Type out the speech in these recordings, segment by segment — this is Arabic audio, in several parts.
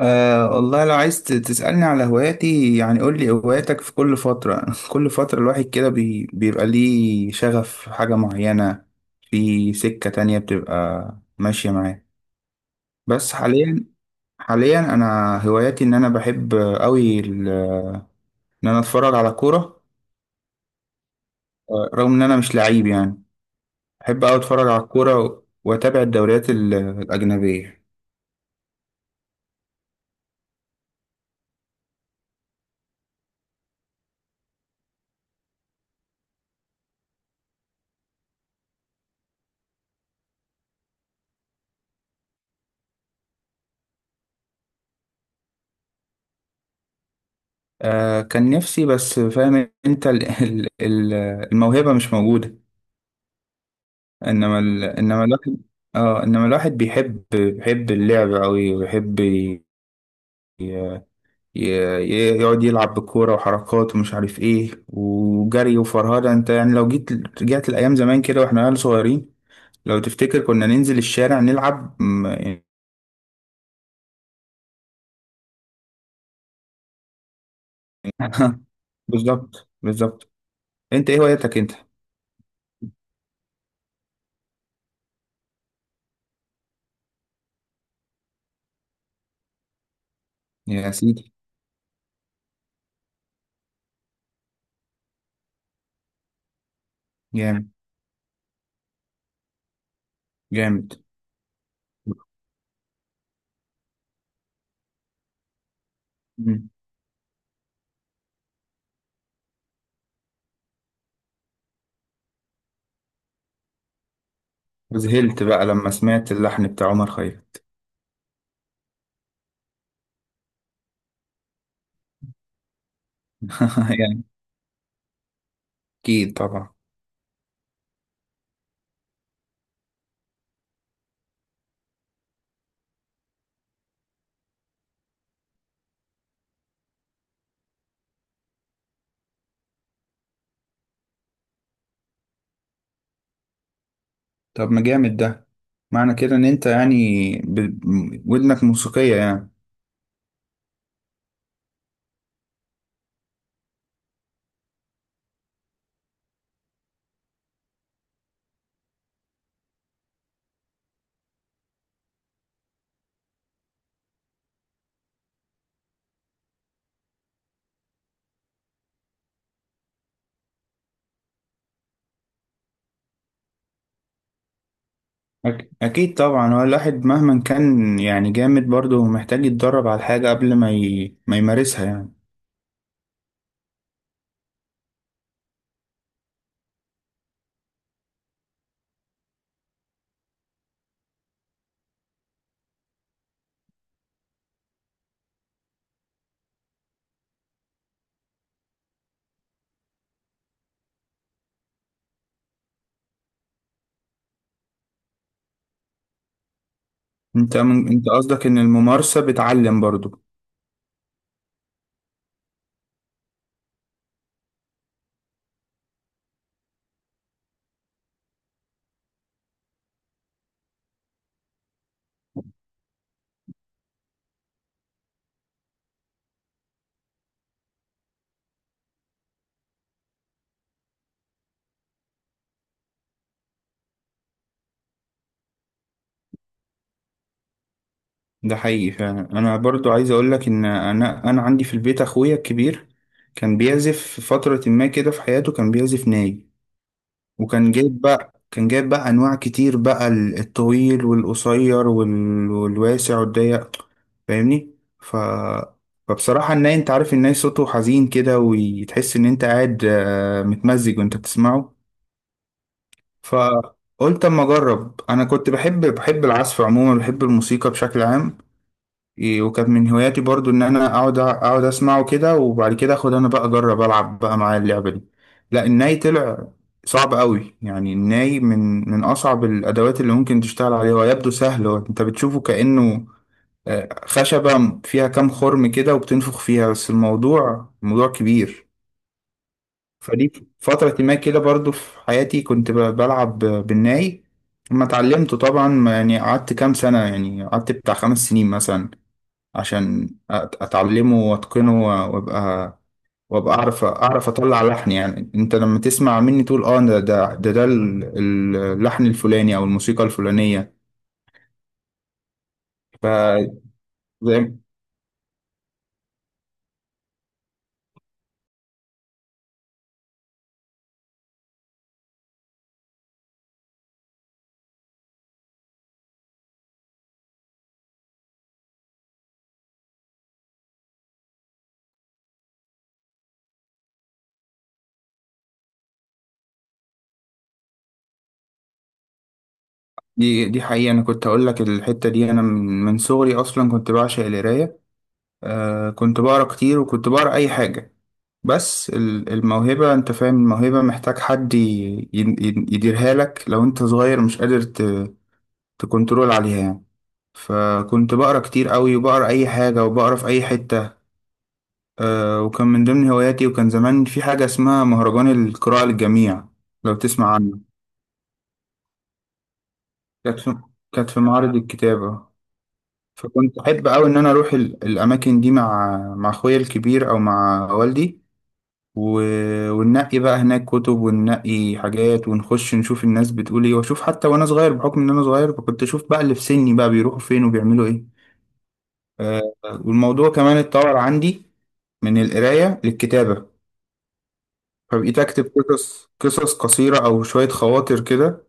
والله لو عايز تسألني على هواياتي يعني قول لي هواياتك في كل فترة كل فترة الواحد كده بيبقى ليه شغف في حاجة معينة، في سكة تانية بتبقى ماشية معاه. بس حاليا حاليا أنا هواياتي إن أنا بحب أوي إن أنا أتفرج على كورة. آه، رغم إن أنا مش لعيب يعني، بحب أوي أتفرج على الكورة وأتابع الدوريات الأجنبية. أه كان نفسي، بس فاهم أنت الموهبة مش موجودة. انما الواحد، اه انما الواحد بيحب بيحب اللعب قوي ويحب ي... يقعد يلعب بالكوره وحركات ومش عارف ايه وجري وفرهده. انت يعني لو جيت رجعت الايام زمان كده واحنا عيال صغيرين، لو تفتكر كنا ننزل الشارع نلعب يعني. بالظبط بالظبط. انت ايه هوايتك انت؟ يا سيدي. جامد جامد. مم. وذهلت بقى لما سمعت اللحن بتاع عمر خيرت. يعني اكيد طبعا. طب ما جامد ده، معنى كده ان انت يعني ودنك موسيقية يعني. اكيد طبعا، هو الواحد مهما كان يعني جامد برضه محتاج يتدرب على الحاجة قبل ما ما يمارسها يعني. انت قصدك ان الممارسة بتعلم برضه. ده حقيقي فعلا. انا برضه عايز اقول لك ان انا عندي في البيت اخويا الكبير كان بيعزف في فترة ما كده في حياته، كان بيعزف ناي. وكان جايب بقى، كان جايب بقى انواع كتير بقى، الطويل والقصير والواسع والضيق، فاهمني. ف فبصراحة الناي، انت عارف الناي صوته حزين كده وتحس ان انت قاعد آه، متمزج وانت بتسمعه. فقلت اما اجرب، انا كنت بحب، بحب العزف عموما، بحب الموسيقى بشكل عام. إيه، وكانت من هواياتي برضو ان انا اقعد اسمعه كده، وبعد كده اخد انا بقى اجرب العب بقى معاه اللعبه دي. لا الناي طلع صعب قوي يعني. الناي من اصعب الادوات اللي ممكن تشتغل عليها. هو يبدو سهل، هو انت بتشوفه كانه آه، خشبه فيها كام خرم كده وبتنفخ فيها، بس الموضوع موضوع كبير. فدي فتره ما كده برضو في حياتي، كنت بلعب بالناي. لما اتعلمته طبعا يعني قعدت كام سنه، يعني قعدت بتاع خمس سنين مثلا، عشان اتعلمه واتقنه، وابقى وابقى اعرف، اعرف اطلع لحن. يعني انت لما تسمع مني تقول اه، ده ده ده، اللحن الفلاني او الموسيقى الفلانية. ف زي- دي حقيقة. انا كنت اقول لك الحتة دي، انا من صغري اصلا كنت بعشق القراية. آه كنت بقرا كتير وكنت بقرا اي حاجة. بس الموهبة، انت فاهم، الموهبة محتاج حد يديرها لك. لو انت صغير مش قادر تكنترول عليها يعني. فكنت بقرا كتير قوي، وبقرا اي حاجه، وبقرا في اي حته. أه وكان من ضمن هواياتي، وكان زمان في حاجه اسمها مهرجان القراءه للجميع، لو تسمع عنه. كانت في كانت في معرض الكتابه. فكنت احب قوي ان انا اروح الاماكن دي مع اخويا الكبير او مع والدي، و... وننقي بقى هناك كتب وننقي حاجات، ونخش نشوف الناس بتقول ايه، واشوف حتى وانا صغير بحكم ان انا صغير، فكنت اشوف بقى اللي في سني بقى بيروحوا فين وبيعملوا ايه. آه، والموضوع كمان اتطور عندي من القراية للكتابة، فبقيت أكتب قصص، قصص قصيرة أو شوية خواطر كده.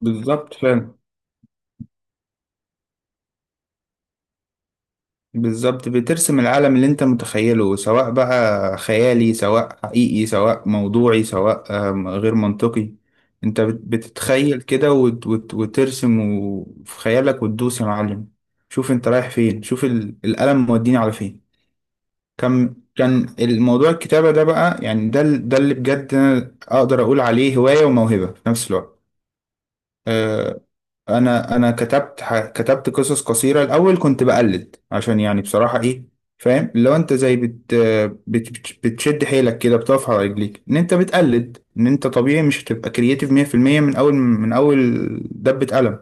بالظبط فعلا. بالظبط بترسم العالم اللي أنت متخيله، سواء بقى خيالي سواء حقيقي سواء موضوعي سواء آم، غير منطقي. أنت بتتخيل كده وترسم في خيالك وتدوس يا معلم. شوف أنت رايح فين، شوف القلم موديني على فين. كان الموضوع الكتابة ده بقى يعني، ده اللي بجد أنا أقدر أقول عليه هواية وموهبة في نفس الوقت. آه، أنا كتبت، كتبت قصص قصيرة. الأول كنت بقلد، عشان يعني بصراحة إيه، فاهم، لو أنت زي بتشد حيلك كده بتقف على رجليك إن أنت بتقلد. إن أنت طبيعي مش هتبقى كرييتيف 100% من أول دبة قلم.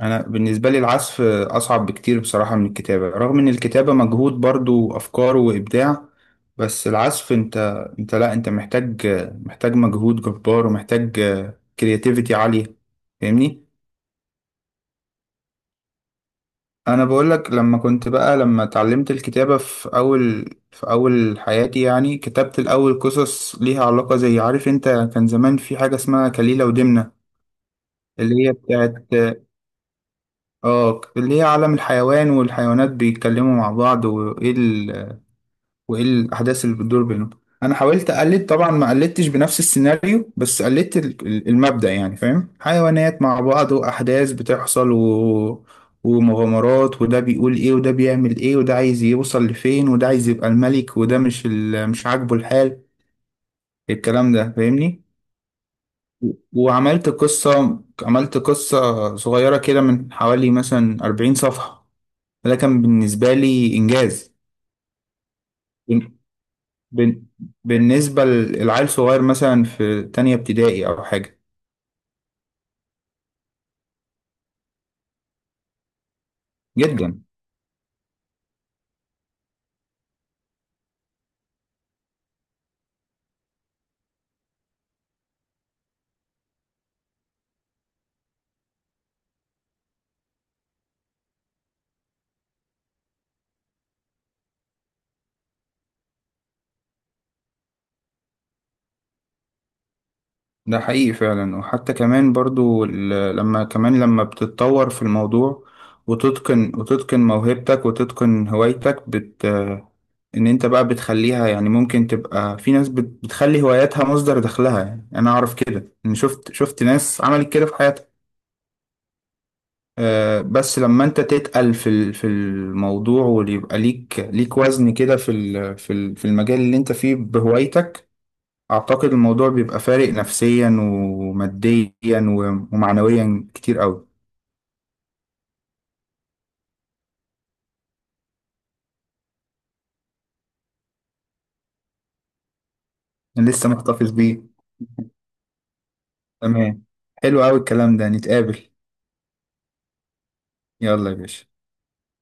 انا بالنسبه لي العزف اصعب بكتير بصراحه من الكتابه، رغم ان الكتابه مجهود برضو، افكار وابداع. بس العزف انت، انت لا انت محتاج، محتاج مجهود جبار، ومحتاج كرياتيفيتي عاليه، فاهمني. انا بقول لك، لما كنت بقى لما اتعلمت الكتابه في اول، في اول حياتي يعني، كتبت الاول قصص ليها علاقه، زي عارف انت كان زمان في حاجه اسمها كليله ودمنه، اللي هي بتاعت، اه اللي هي عالم الحيوان، والحيوانات بيتكلموا مع بعض، وايه وايه الاحداث اللي بتدور بينهم. انا حاولت اقلد طبعا، ما قلدتش بنفس السيناريو، بس قلدت المبدأ يعني، فاهم، حيوانات مع بعض واحداث بتحصل ومغامرات، وده بيقول ايه وده بيعمل ايه، وده عايز يوصل لفين، وده عايز يبقى الملك، وده مش عاجبه الحال، الكلام ده فاهمني. وعملت قصة، عملت قصة صغيرة كده من حوالي مثلا 40 صفحة. ده كان بالنسبة لي إنجاز. بن- بن- بالنسبة للعيل صغير مثلا في تانية ابتدائي أو حاجة. جدا، ده حقيقي فعلا. وحتى كمان برضو لما كمان لما بتتطور في الموضوع وتتقن، وتتقن موهبتك وتتقن هوايتك، إن أنت بقى بتخليها، يعني ممكن تبقى في ناس بتخلي هواياتها مصدر دخلها. يعني أنا أعرف كده إن شفت، شفت ناس عملت كده في حياتها. آه، بس لما انت تتقل في الموضوع، ويبقى ليك وزن كده في المجال اللي انت فيه بهوايتك، اعتقد الموضوع بيبقى فارق نفسيا وماديا ومعنويا كتير قوي. انا لسه محتفظ بيه. تمام، حلو قوي الكلام ده، نتقابل. يلا يا باشا.